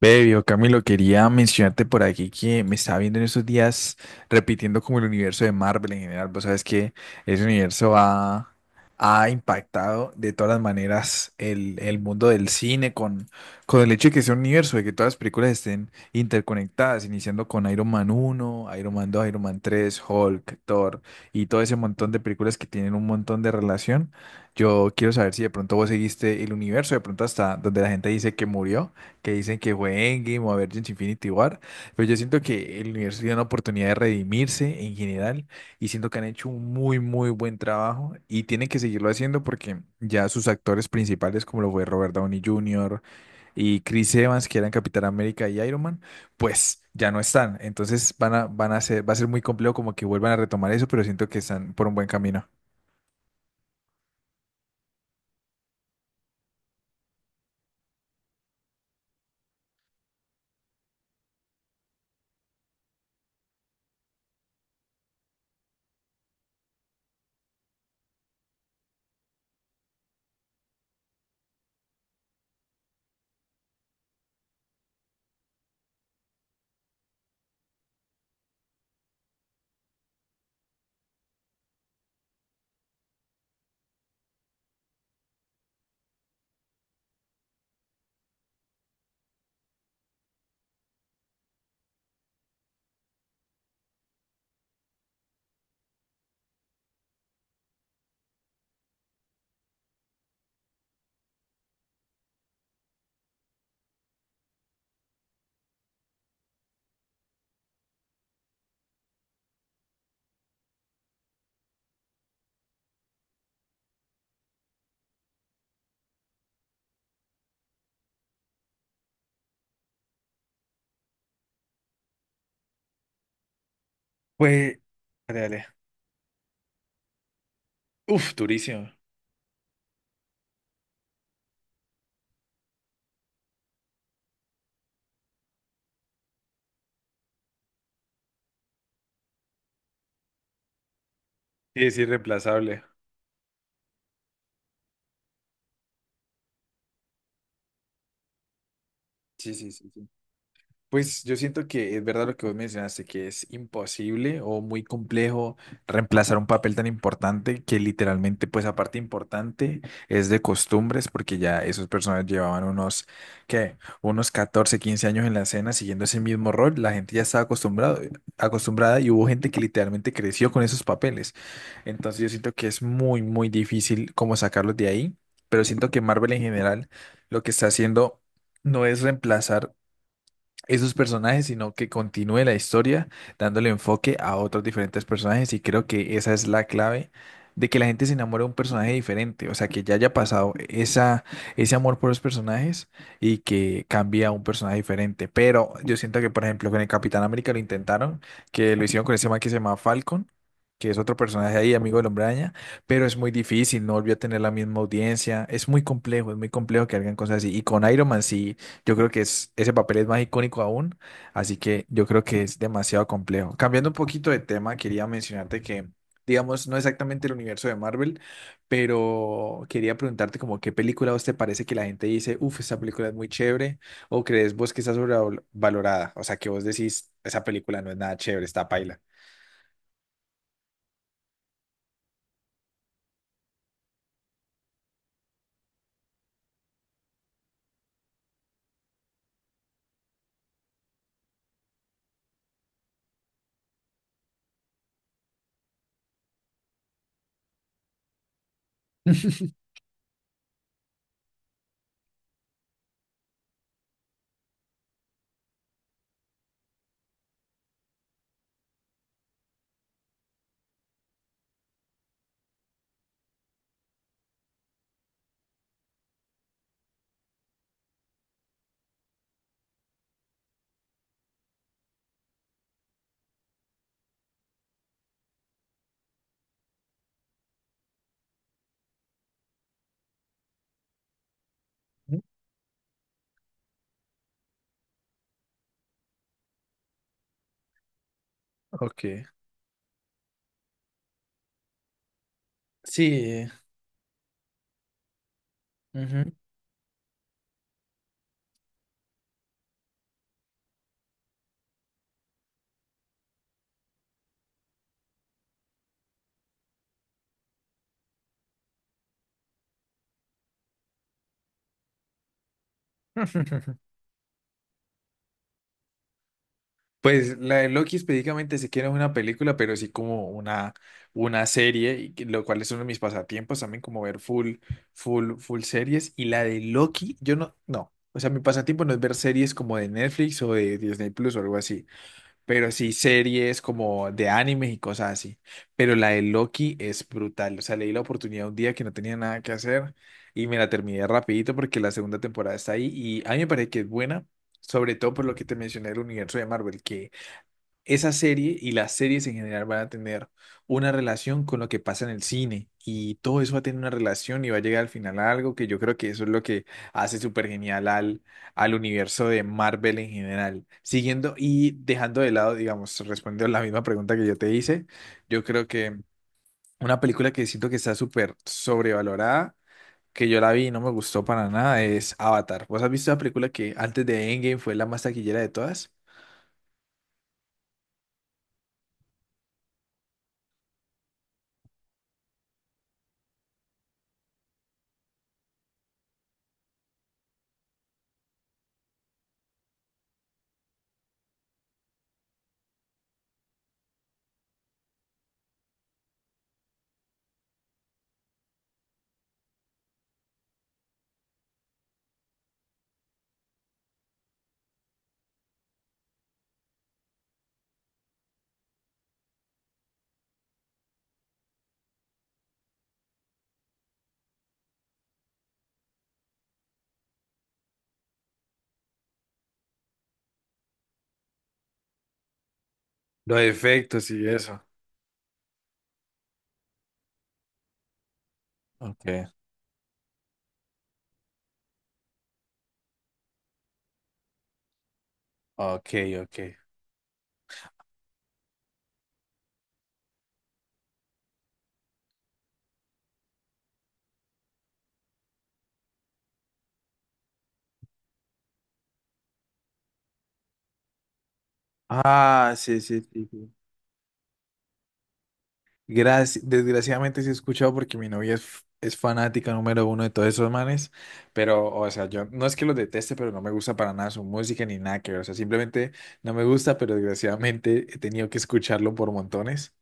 Bebio, Camilo, quería mencionarte por aquí que me estaba viendo en estos días repitiendo como el universo de Marvel en general. Vos sabes que ese universo ha impactado de todas las maneras el mundo del cine con el hecho de que sea un universo, de que todas las películas estén interconectadas, iniciando con Iron Man uno, Iron Man dos, Iron Man tres, Hulk, Thor y todo ese montón de películas que tienen un montón de relación. Yo quiero saber si de pronto vos seguiste el universo, de pronto hasta donde la gente dice que murió que dicen que fue Endgame o Avengers Infinity War, pero yo siento que el universo tiene una oportunidad de redimirse en general y siento que han hecho un muy, muy buen trabajo y tienen que seguirlo haciendo porque ya sus actores principales, como lo fue Robert Downey Jr. y Chris Evans, que eran Capitán América y Iron Man, pues ya no están. Entonces va a ser muy complejo como que vuelvan a retomar eso, pero siento que están por un buen camino. Pues, dale, dale. Uf, durísimo. Sí, es irreemplazable. Sí, sí, sí, sí. Pues yo siento que es verdad lo que vos mencionaste, que es imposible o muy complejo reemplazar un papel tan importante que literalmente, pues aparte importante, es de costumbres, porque ya esos personas llevaban unos, ¿qué? Unos 14 15 años en la escena siguiendo ese mismo rol, la gente ya estaba acostumbrada y hubo gente que literalmente creció con esos papeles. Entonces yo siento que es muy, muy difícil como sacarlos de ahí, pero siento que Marvel en general lo que está haciendo no es reemplazar esos personajes, sino que continúe la historia dándole enfoque a otros diferentes personajes y creo que esa es la clave de que la gente se enamore de un personaje diferente, o sea, que ya haya pasado ese amor por los personajes y que cambie a un personaje diferente. Pero yo siento que, por ejemplo, con el Capitán América lo intentaron, que lo hicieron con ese man que se llama Falcon, que es otro personaje ahí, amigo del Hombre Araña, pero es muy difícil, no volvió a tener la misma audiencia, es muy complejo que hagan cosas así, y con Iron Man sí, yo creo que es, ese papel es más icónico aún, así que yo creo que es demasiado complejo. Cambiando un poquito de tema, quería mencionarte que, digamos, no exactamente el universo de Marvel, pero quería preguntarte como qué película a vos te parece que la gente dice, uff, esa película es muy chévere, o crees vos que está sobrevalorada, o sea, que vos decís, esa película no es nada chévere, está paila. Mm. Ok. Sí. Ujú. Pues la de Loki específicamente sí que no es una película, pero sí como una serie, y que- lo cual es uno de mis pasatiempos también, como ver full, full, full series. Y la de Loki, yo no, no. O sea, mi pasatiempo no es ver series como de Netflix o de Disney Plus o algo así, pero sí series como de animes y cosas así. Pero la de Loki es brutal. O sea, le di la oportunidad un día que no tenía nada que hacer y me la terminé rapidito porque la segunda temporada está ahí y a mí me parece que es buena. Sobre todo por lo que te mencioné del universo de Marvel, que esa serie y las series en general van a tener una relación con lo que pasa en el cine y todo eso va a tener una relación y va a llegar al final a algo que yo creo que eso es lo que hace súper genial al universo de Marvel en general. Siguiendo y dejando de lado, digamos, respondiendo la misma pregunta que yo te hice, yo creo que una película que siento que está súper sobrevalorada, que yo la vi y no me gustó para nada, es Avatar. ¿Vos has visto la película que antes de Endgame fue la más taquillera de todas? Los efectos y eso. Ok. Ok, ok. Ah, sí, sí, sí, sí. Desgraciadamente sí he escuchado porque mi novia es, es fanática número uno de todos esos manes, pero, o sea, yo no es que los deteste, pero no me gusta para nada su música ni nada que ver, o sea, simplemente no me gusta, pero desgraciadamente he tenido que escucharlo por montones.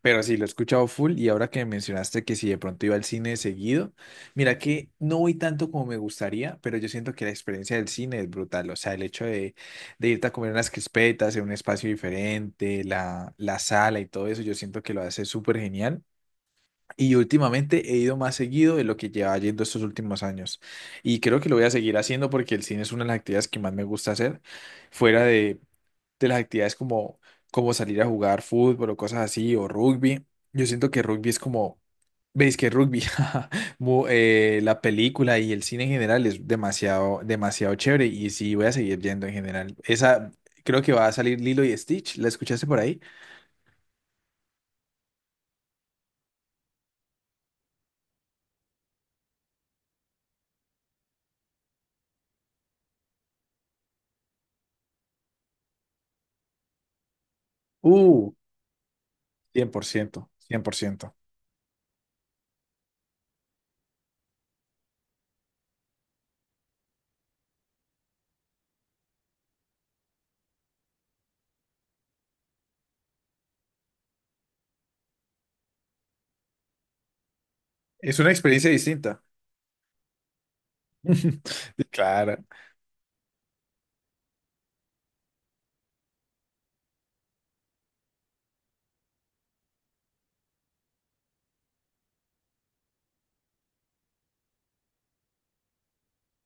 Pero sí, lo he escuchado full y ahora que mencionaste que si de pronto iba al cine seguido, mira que no voy tanto como me gustaría, pero yo siento que la experiencia del cine es brutal, o sea, el hecho de, irte a comer unas crispetas en un espacio diferente, la sala y todo eso, yo siento que lo hace súper genial. Y últimamente he ido más seguido de lo que llevaba yendo estos últimos años. Y creo que lo voy a seguir haciendo porque el cine es una de las actividades que más me gusta hacer, fuera de las actividades como salir a jugar fútbol o cosas así, o rugby. Yo siento que rugby es como, veis que rugby, la película y el cine en general es demasiado, demasiado chévere y sí voy a seguir yendo en general. Creo que va a salir Lilo y Stitch, ¿la escuchaste por ahí? Uh, 100% 100%. Es una experiencia distinta. Claro,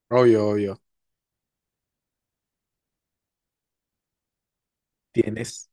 obvio, obvio. Tienes.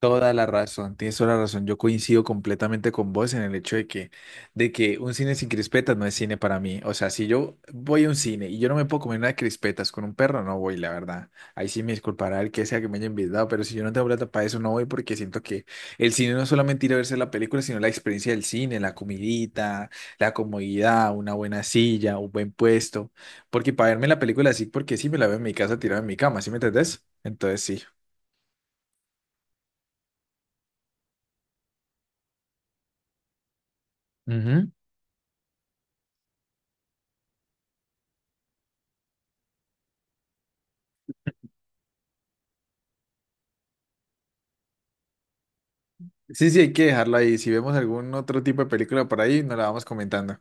Toda la razón, tienes toda la razón. Yo coincido completamente con vos en el hecho de que un cine sin crispetas no es cine para mí. O sea, si yo voy a un cine y yo no me puedo comer unas crispetas con un perro, no voy, la verdad. Ahí sí me disculpará el que sea que me haya invitado, pero si yo no tengo plata para eso, no voy porque siento que el cine no es solamente ir a verse la película, sino la experiencia del cine, la comidita, la comodidad, una buena silla, un buen puesto. Porque para verme la película así, porque sí me la veo en mi casa tirada en mi cama, ¿sí me entendés? Entonces sí. Ujú. Sí, sí, hay que dejarlo ahí. Si vemos algún otro tipo de película por ahí, nos la vamos comentando.